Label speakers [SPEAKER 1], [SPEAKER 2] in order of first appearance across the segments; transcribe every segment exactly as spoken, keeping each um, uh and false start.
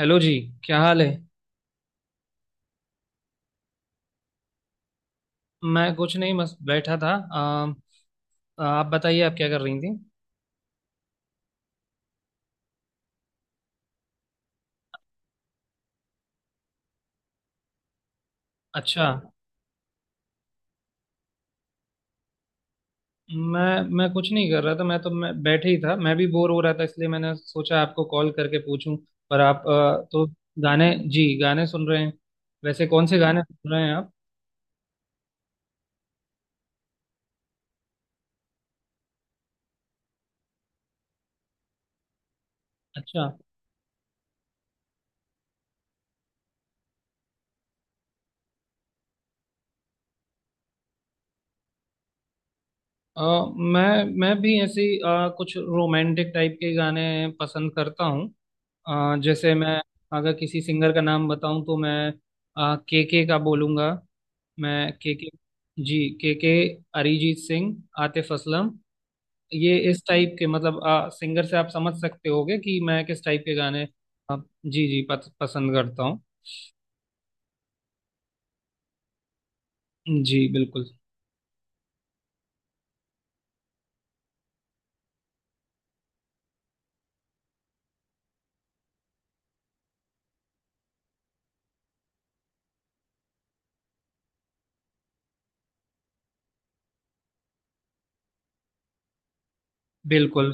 [SPEAKER 1] Hello ji. क्या हाल है। मैं कुछ नहीं बस बैठा था। आ, आप बताइए आप क्या कर रही थी। अच्छा। मैं मैं कुछ नहीं कर रहा था, मैं तो मैं बैठे ही था, मैं भी बोर हो रहा था, इसलिए मैंने सोचा आपको कॉल करके पूछूं। पर आप अ, तो गाने, जी, गाने सुन रहे हैं। वैसे कौन से गाने सुन रहे हैं आप? अच्छा। अ, मैं मैं भी ऐसी अ, कुछ रोमांटिक टाइप के गाने पसंद करता हूँ। अ, जैसे मैं, अगर किसी सिंगर का नाम बताऊं तो मैं आ, के के का बोलूंगा। मैं के के जी के के अरिजीत सिंह, आतिफ असलम। ये इस टाइप के, मतलब आ, सिंगर से आप समझ सकते होगे कि मैं किस टाइप के गाने आ, जी जी, पस, पसंद करता हूँ। जी बिल्कुल। बिल्कुल।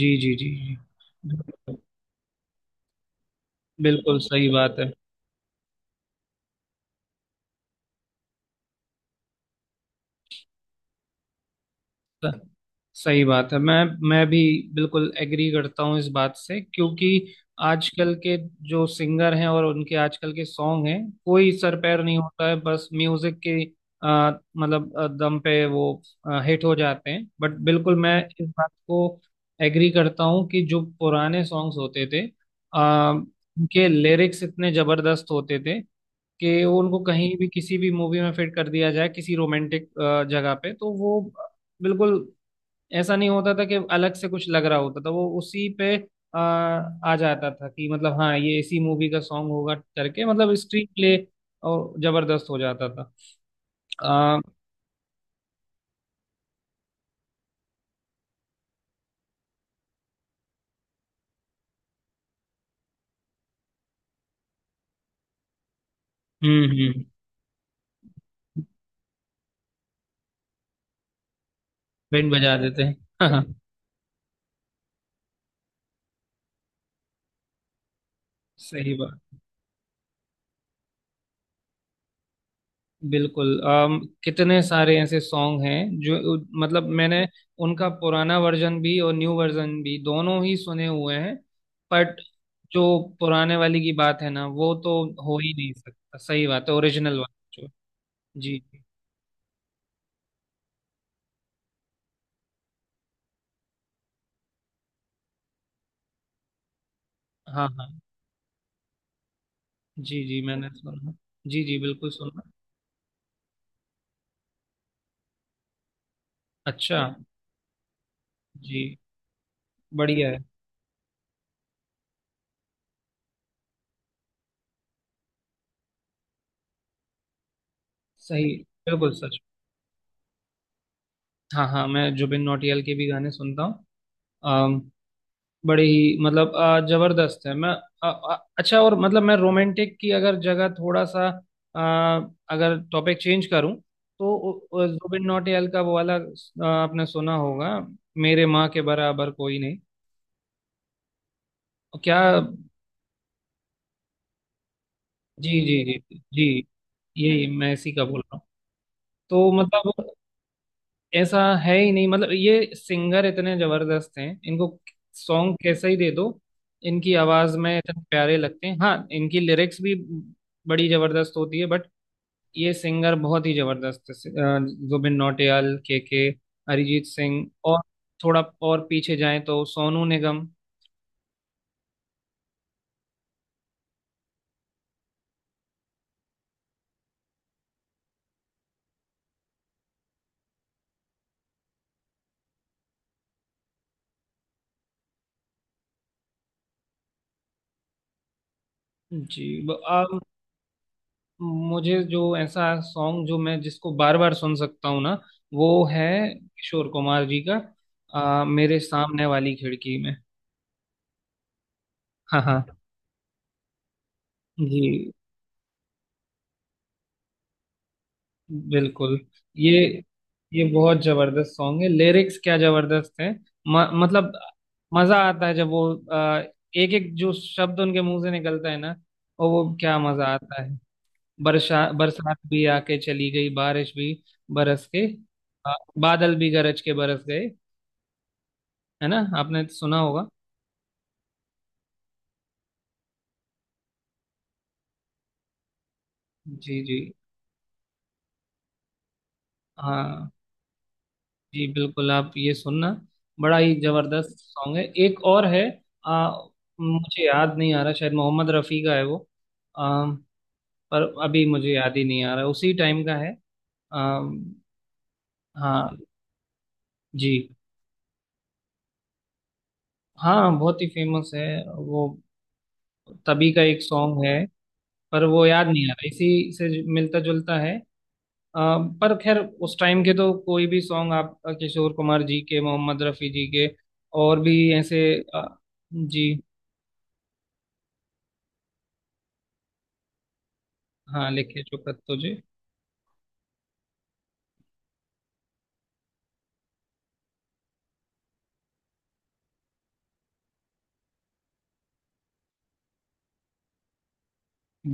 [SPEAKER 1] जी जी। जी जी। बिल्कुल। बिल्कुल। सही बात है। सही बात है। मैं मैं भी बिल्कुल एग्री करता हूँ इस बात से, क्योंकि आजकल के जो सिंगर हैं और उनके आजकल के सॉन्ग हैं, कोई सर पैर नहीं होता है, बस म्यूजिक के आ, मतलब अ, दम पे वो हिट हो जाते हैं। बट बिल्कुल मैं इस बात को एग्री करता हूँ कि जो पुराने सॉन्ग्स होते थे, आ, उनके लिरिक्स इतने जबरदस्त होते थे कि उनको कहीं भी किसी भी मूवी में फिट कर दिया जाए किसी रोमांटिक जगह पे, तो वो बिल्कुल ऐसा नहीं होता था कि अलग से कुछ लग रहा होता था, वो उसी पे आ, आ जाता था कि मतलब हाँ ये इसी मूवी का सॉन्ग होगा, करके मतलब स्क्रीन प्ले और जबरदस्त हो जाता था। आ, हम्म, हम्म। बैंड बजा देते हैं। सही बात। बिल्कुल। अम, कितने सारे ऐसे सॉन्ग हैं जो मतलब मैंने उनका पुराना वर्जन भी और न्यू वर्जन भी दोनों ही सुने हुए हैं। बट जो पुराने वाली की बात है ना, वो तो हो ही नहीं सकता। सही बात है, ओरिजिनल वाला जो। जी जी। हाँ हाँ। जी जी, मैंने सुना। जी जी, बिल्कुल सुना। अच्छा। जी। बढ़िया है। सही। बिल्कुल सच। हाँ हाँ, मैं जुबिन नौटियाल के भी गाने सुनता हूँ। अम, बड़े ही, मतलब अ, जबरदस्त है। मैं अ, अ, अच्छा, और मतलब मैं रोमांटिक की अगर जगह थोड़ा सा अ, अगर टॉपिक चेंज करूँ, तो उ- उ- जुबिन नौटियाल का वो वाला अ, आपने सुना होगा, मेरे माँ के बराबर कोई नहीं। क्या? जी जी जी जी, यही मैं इसी का बोल रहा हूँ। तो मतलब ऐसा है ही नहीं, मतलब ये सिंगर इतने जबरदस्त हैं, इनको सॉन्ग कैसा ही दे दो, इनकी आवाज में इतने प्यारे लगते हैं। हाँ, इनकी लिरिक्स भी बड़ी जबरदस्त होती है। बट ये सिंगर बहुत ही जबरदस्त है। अ, जुबिन नौटियाल, के के अरिजीत सिंह, और थोड़ा और पीछे जाएं तो सोनू निगम। जी। मुझे जो ऐसा सॉन्ग जो मैं जिसको बार बार सुन सकता हूँ ना, वो है किशोर कुमार जी का, आ, मेरे सामने वाली खिड़की में। हाँ हाँ। जी बिल्कुल। ये ये बहुत जबरदस्त सॉन्ग है, लिरिक्स क्या जबरदस्त है। म, मतलब मजा आता है जब वो एक एक जो शब्द उनके मुंह से निकलता है ना, और वो क्या मजा आता है। बरसा बरसात भी आके चली गई, बारिश भी बरस के, आ, बादल भी गरज के बरस गए। है ना? आपने तो सुना होगा। जी जी। हाँ। जी बिल्कुल, आप ये सुनना, बड़ा ही जबरदस्त सॉन्ग है। एक और है, आ, मुझे याद नहीं आ रहा, शायद मोहम्मद रफ़ी का है वो। आ, पर अभी मुझे याद ही नहीं आ रहा, उसी टाइम का है। आ, हाँ। जी। हाँ बहुत ही फेमस है, वो तभी का एक सॉन्ग है। पर वो याद नहीं आ रहा, इसी से मिलता जुलता है। अ, पर खैर। उस टाइम के तो कोई भी सॉन्ग आप, अ, किशोर कुमार जी के, मोहम्मद रफ़ी जी के, और भी ऐसे। अ, जी। हाँ, लिखे चुकत तुझे।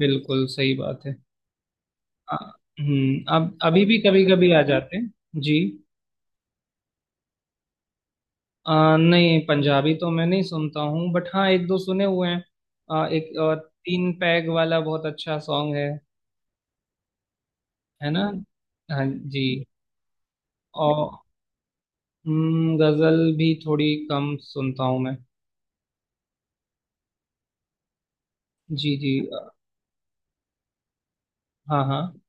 [SPEAKER 1] बिल्कुल सही बात है। अ, हम्म अब अभी भी कभी कभी आ जाते हैं जी। अ, नहीं, पंजाबी तो मैं नहीं सुनता हूँ, बट हाँ एक दो सुने हुए हैं। अ, एक अ, तीन पैग वाला बहुत अच्छा सॉन्ग है है ना? हाँ जी। और हम्म, गजल भी थोड़ी कम सुनता हूँ मैं। जी जी। अ, हाँ हाँ।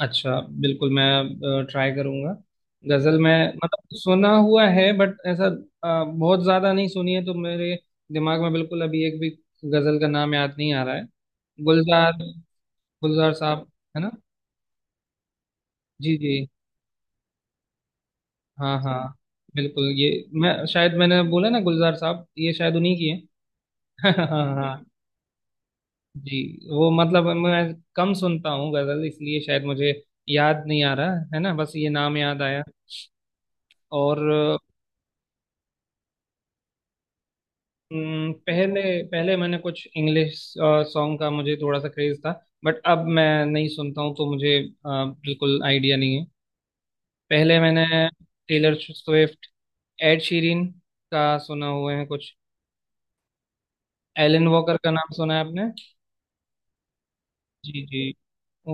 [SPEAKER 1] अच्छा, बिल्कुल मैं ट्राई करूंगा गजल में। मतलब सुना हुआ है बट ऐसा अ, बहुत ज्यादा नहीं सुनी है, तो मेरे दिमाग में बिल्कुल अभी एक भी गजल का नाम याद नहीं आ रहा है। गुलजार, गुलजार साहब, है ना? जी जी। हाँ हाँ, बिल्कुल ये। मैं शायद, मैंने बोला ना गुलजार साहब, ये शायद उन्हीं की है। हाँ हाँ। जी। वो मतलब मैं कम सुनता हूँ गजल, इसलिए शायद मुझे याद नहीं आ रहा है ना, बस ये नाम याद आया। और हम्म, पहले पहले मैंने कुछ इंग्लिश सॉन्ग का मुझे थोड़ा सा क्रेज था, बट अब मैं नहीं सुनता हूँ, तो मुझे अ, बिल्कुल आइडिया नहीं है। पहले मैंने टेलर स्विफ्ट, एड शीरिन का सुना हुए हैं कुछ। एलन वॉकर का नाम सुना है आपने? जी जी। ओ,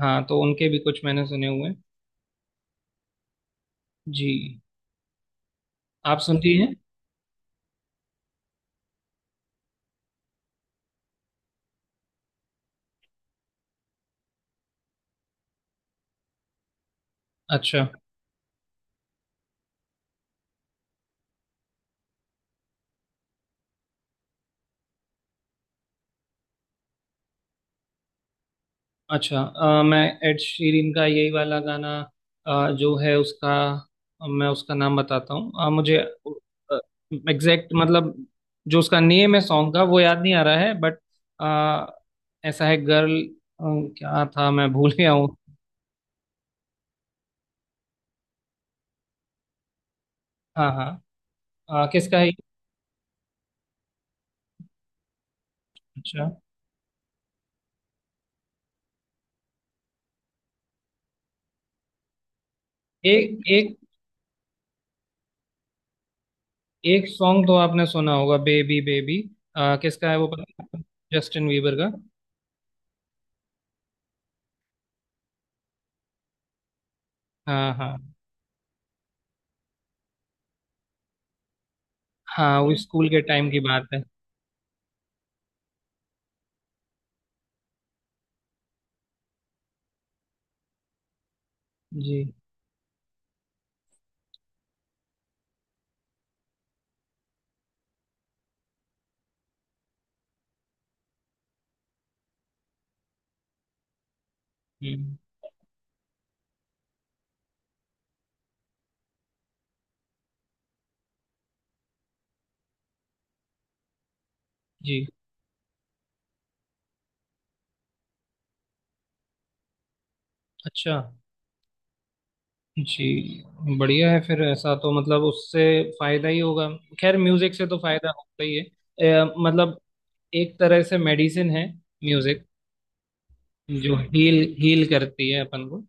[SPEAKER 1] हाँ, तो उनके भी कुछ मैंने सुने हुए हैं। जी। आप सुनती हैं? अच्छा अच्छा। अ, मैं एड शीरन का यही वाला गाना, अ, जो है उसका, अ, मैं उसका नाम बताता हूँ, अ, मुझे एग्जैक्ट मतलब जो उसका नेम है सॉन्ग का, वो याद नहीं आ रहा है, बट ऐसा है गर्ल क्या था, मैं भूल गया हूँ। हाँ हाँ। अ, किसका है ये? अच्छा। एक एक एक सॉन्ग तो आपने सुना होगा, बेबी बेबी, किसका है वो पता है आपको? जस्टिन वीबर का। हाँ हाँ हाँ। वो स्कूल के टाइम की बात है। जी। हम्म। जी। अच्छा। जी बढ़िया है, फिर ऐसा तो मतलब उससे फायदा ही होगा। खैर, म्यूजिक से तो फायदा होता ही है। अ, मतलब एक तरह से मेडिसिन है म्यूजिक, जो हील हील करती है अपन को।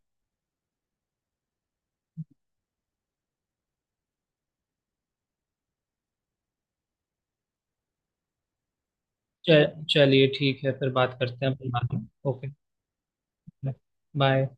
[SPEAKER 1] च- चलिए, ठीक है, फिर बात करते हैं अपन बाद में। ओके। बाय।